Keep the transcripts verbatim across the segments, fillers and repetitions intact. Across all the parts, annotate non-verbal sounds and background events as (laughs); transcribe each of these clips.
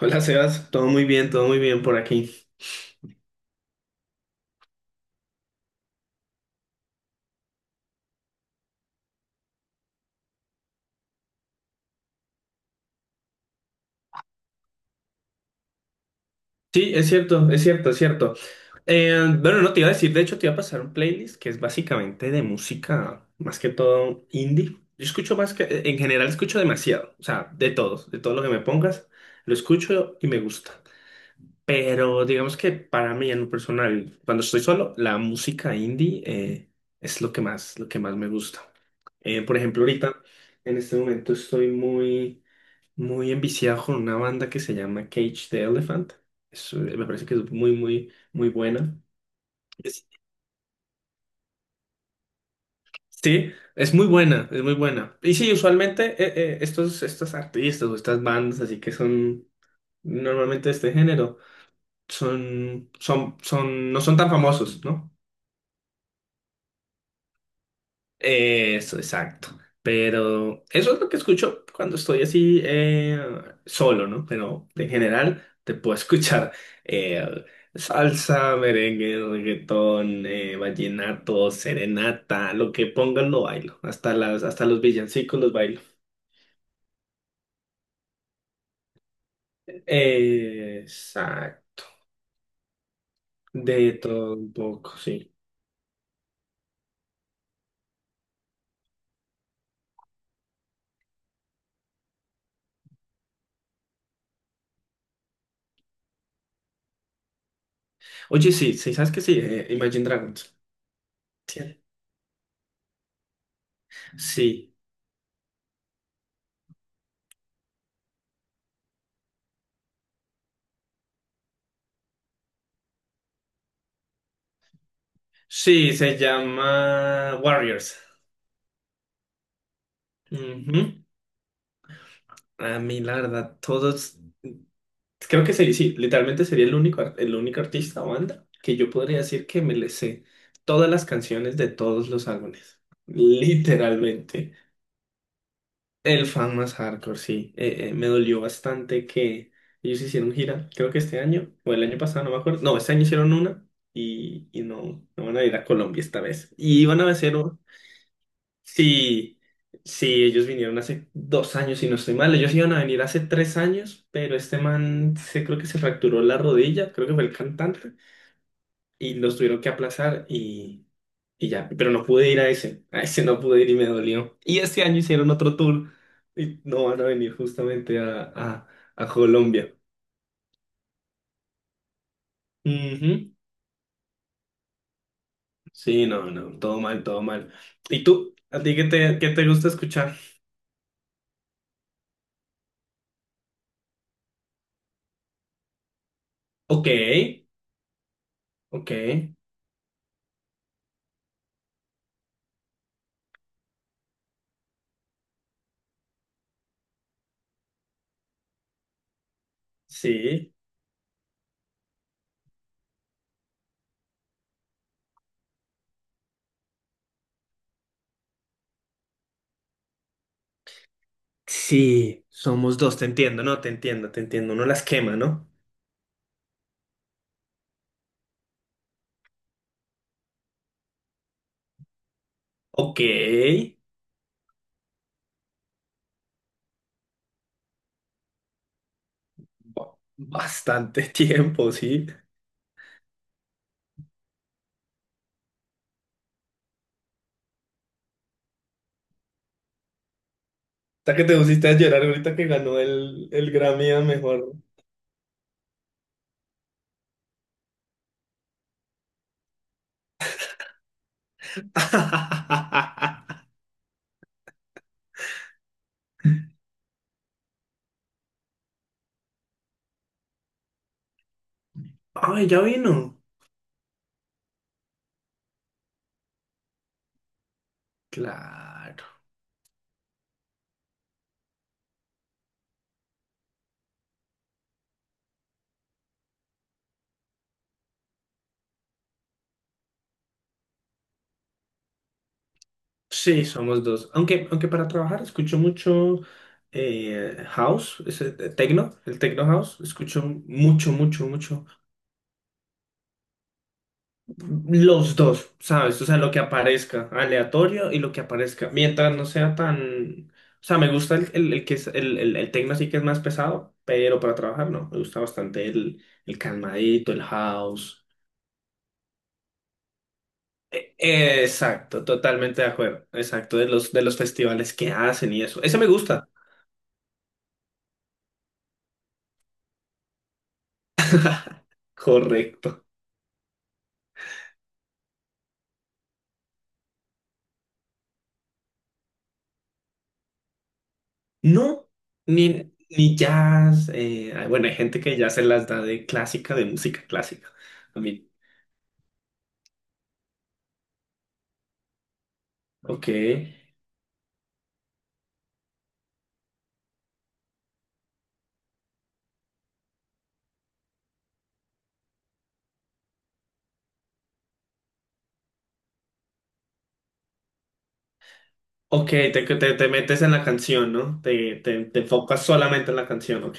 Hola Sebas, todo muy bien, todo muy bien por aquí. Sí, es cierto, es cierto, es cierto. Eh, bueno, no te iba a decir, de hecho te iba a pasar un playlist que es básicamente de música, más que todo indie. Yo escucho más que, en general escucho demasiado, o sea, de todos, de todo lo que me pongas, lo escucho y me gusta. Pero digamos que para mí en lo personal, cuando estoy solo, la música indie eh, es lo que más, lo que más me gusta. Eh, por ejemplo, ahorita, en este momento estoy muy muy enviciado con una banda que se llama Cage the Elephant. Es, eh, me parece que es muy, muy, muy buena. Es- sí, es muy buena, es muy buena. Y sí, usualmente eh, eh, estos, estos artistas o estas bandas así que son normalmente de este género, son, son, son, no son tan famosos, ¿no? Eso, exacto. Pero eso es lo que escucho cuando estoy así eh, solo, ¿no? Pero en general te puedo (laughs) escuchar eh, salsa, merengue, reggaetón, eh, vallenato, serenata, lo que pongan lo bailo. Hasta las, hasta los villancicos los bailo. Exacto. De todo un poco, sí. Oye, sí, sí, ¿sabes qué? Sí, eh, Imagine Dragons. Sí, sí, sí, se llama Warriors. Ujú. A mí, la verdad, todos, creo que sí, sí, literalmente sería el único, ar- el único artista o banda que yo podría decir que me le sé todas las canciones de todos los álbumes. Literalmente. El fan más hardcore, sí. Eh, eh, me dolió bastante que ellos hicieron gira, creo que este año, o el año pasado, no me acuerdo. No, este año hicieron una y, y no, no van a ir a Colombia esta vez. Y iban a hacer. Sí, sí, ellos vinieron hace dos años, si no estoy mal. Ellos iban a venir hace tres años, pero este man se creo que se fracturó la rodilla, creo que fue el cantante, y los tuvieron que aplazar y, y ya. Pero no pude ir a ese, a ese no pude ir y me dolió. Y este año hicieron otro tour y no van a venir justamente a, a, a Colombia. Ujú. Sí, no, no, todo mal, todo mal. ¿Y tú? ¿A ti qué te, qué te gusta escuchar? Ok, ok, sí. Sí, somos dos, te entiendo, no, te entiendo, te entiendo, uno las quema, ¿no? Ok, ba- bastante (laughs) tiempo, sí. Hasta que te pusiste a llorar ahorita que ganó el, el Grammy a mejor. (laughs) Ay, ya vino. Claro. Sí, somos dos. Aunque, aunque para trabajar escucho mucho eh, house, ese, eh, techno, el techno house, escucho mucho, mucho, mucho. Los dos, ¿sabes? O sea, lo que aparezca, aleatorio y lo que aparezca. Mientras no sea tan... O sea, me gusta el, el, el que es el, el, el techno sí que es más pesado, pero para trabajar no. Me gusta bastante el, el calmadito, el house. E- Exacto, totalmente de acuerdo. Exacto, de los, de los festivales que hacen y eso. Ese me gusta. Correcto. No, ni, ni jazz. Eh, ay, bueno, hay gente que ya se las da de clásica, de música clásica. A mí. Ok. Ok, te, te, te metes en la canción, ¿no? Te, te, te enfocas solamente en la canción, ok.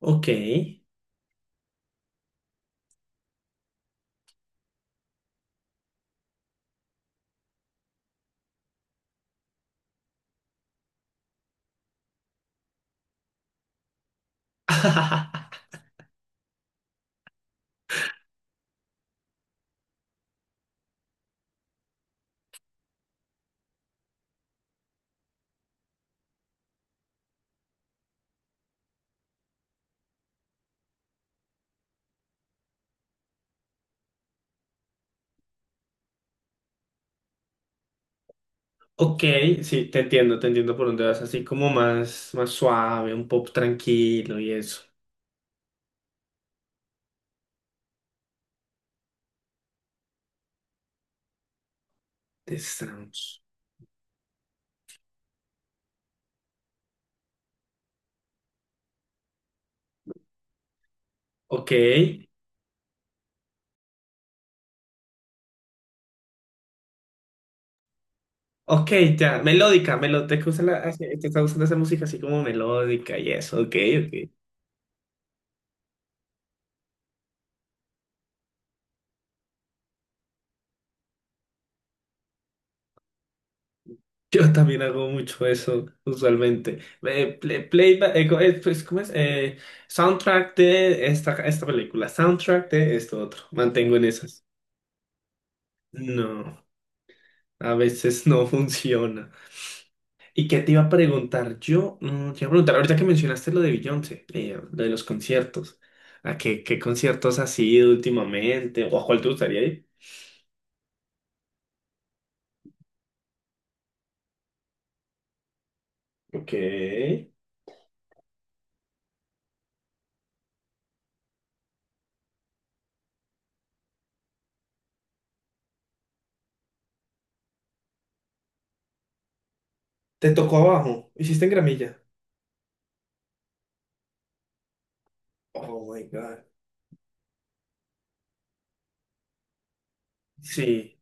Ok. (laughs) Ok, sí, te entiendo, te entiendo por dónde vas, así como más, más suave, un pop tranquilo y eso. The Strokes. Ok, ok, ya, melódica, melódica, te usa la- hace- te está gustando esa música así como melódica y eso, ok, ok. Yo también hago mucho eso, usualmente. Eh, play, play- eh, co- eh, pues, ¿cómo es? Eh, soundtrack de esta, esta película, soundtrack de esto otro. Mantengo en esas. No, a veces no (laughs) funciona. ¿Y qué te iba a preguntar? Yo mm, te iba a preguntar, ahorita que mencionaste lo de Beyoncé, eh, lo de los conciertos. ¿A qué, qué conciertos has ido últimamente? ¿O a cuál te gustaría ir? Ok. Te tocó abajo. Hiciste en gramilla. Oh my God. Sí.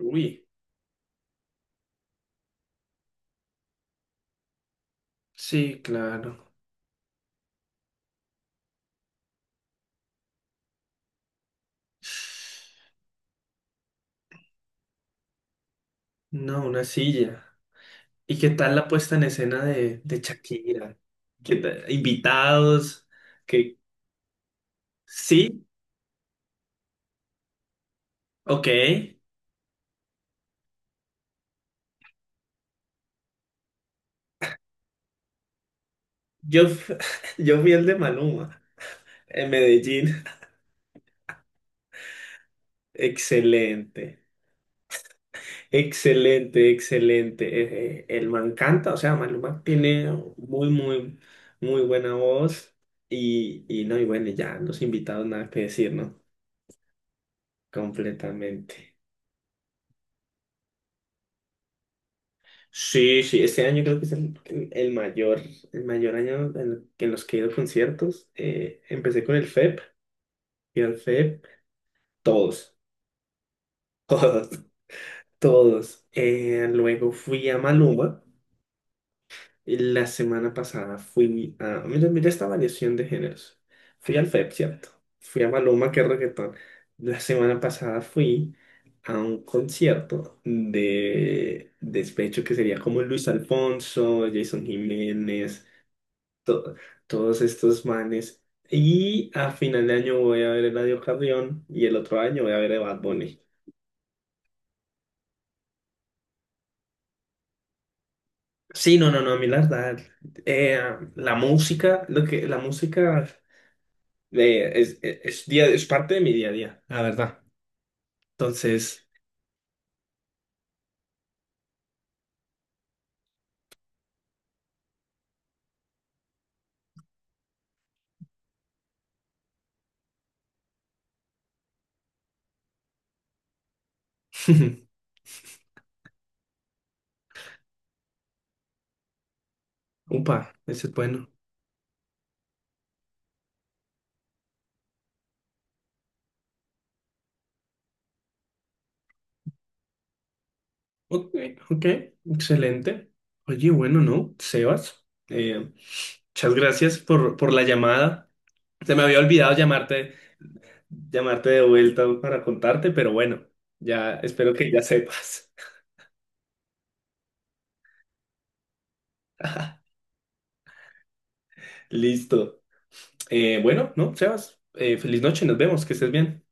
(laughs) Uy. Sí, claro. No, una silla. ¿Y qué tal la puesta en escena de, de Shakira? ¿Qué tal? Invitados, que sí, ok. Yo, f- (laughs) yo fui el de Maluma en Medellín. Excelente, excelente, excelente. Eh, eh, el man canta, o sea, Maluma tiene muy, muy, muy buena voz. Y, y no, Y bueno, ya los invitados nada que decir, ¿no? Completamente. Sí, sí, este año creo que es el, el- el mayor, el mayor año en, el- en los que he ido a conciertos. Eh, empecé con el F E P, fui al F E P, todos, (laughs) todos, todos. Eh, luego fui a Maluma, y la semana pasada fui a, mira, mira esta variación de géneros. Fui al F E P, ¿cierto? Fui a Maluma, que es reggaetón. La semana pasada fui a un concierto de despecho que sería como Luis Alfonso, Jason Jiménez. to- Todos estos manes. Y a final de año voy a ver el Eladio Carrión y el otro año voy a ver a Bad Bunny. Sí, no, no, no, a mí la verdad, eh, la música, lo que, la música eh, es, es, es día, es parte de mi día a día, la verdad. Entonces, (laughs) upa, ese es bueno. Ok, ok, excelente. Oye, bueno, ¿no? Sebas, eh, muchas gracias por, por la llamada. Se me había olvidado llamarte llamarte de vuelta para contarte, pero bueno, ya espero que ya sepas. (laughs) Listo. Eh, bueno, no, Sebas, eh, feliz noche, nos vemos, que estés bien.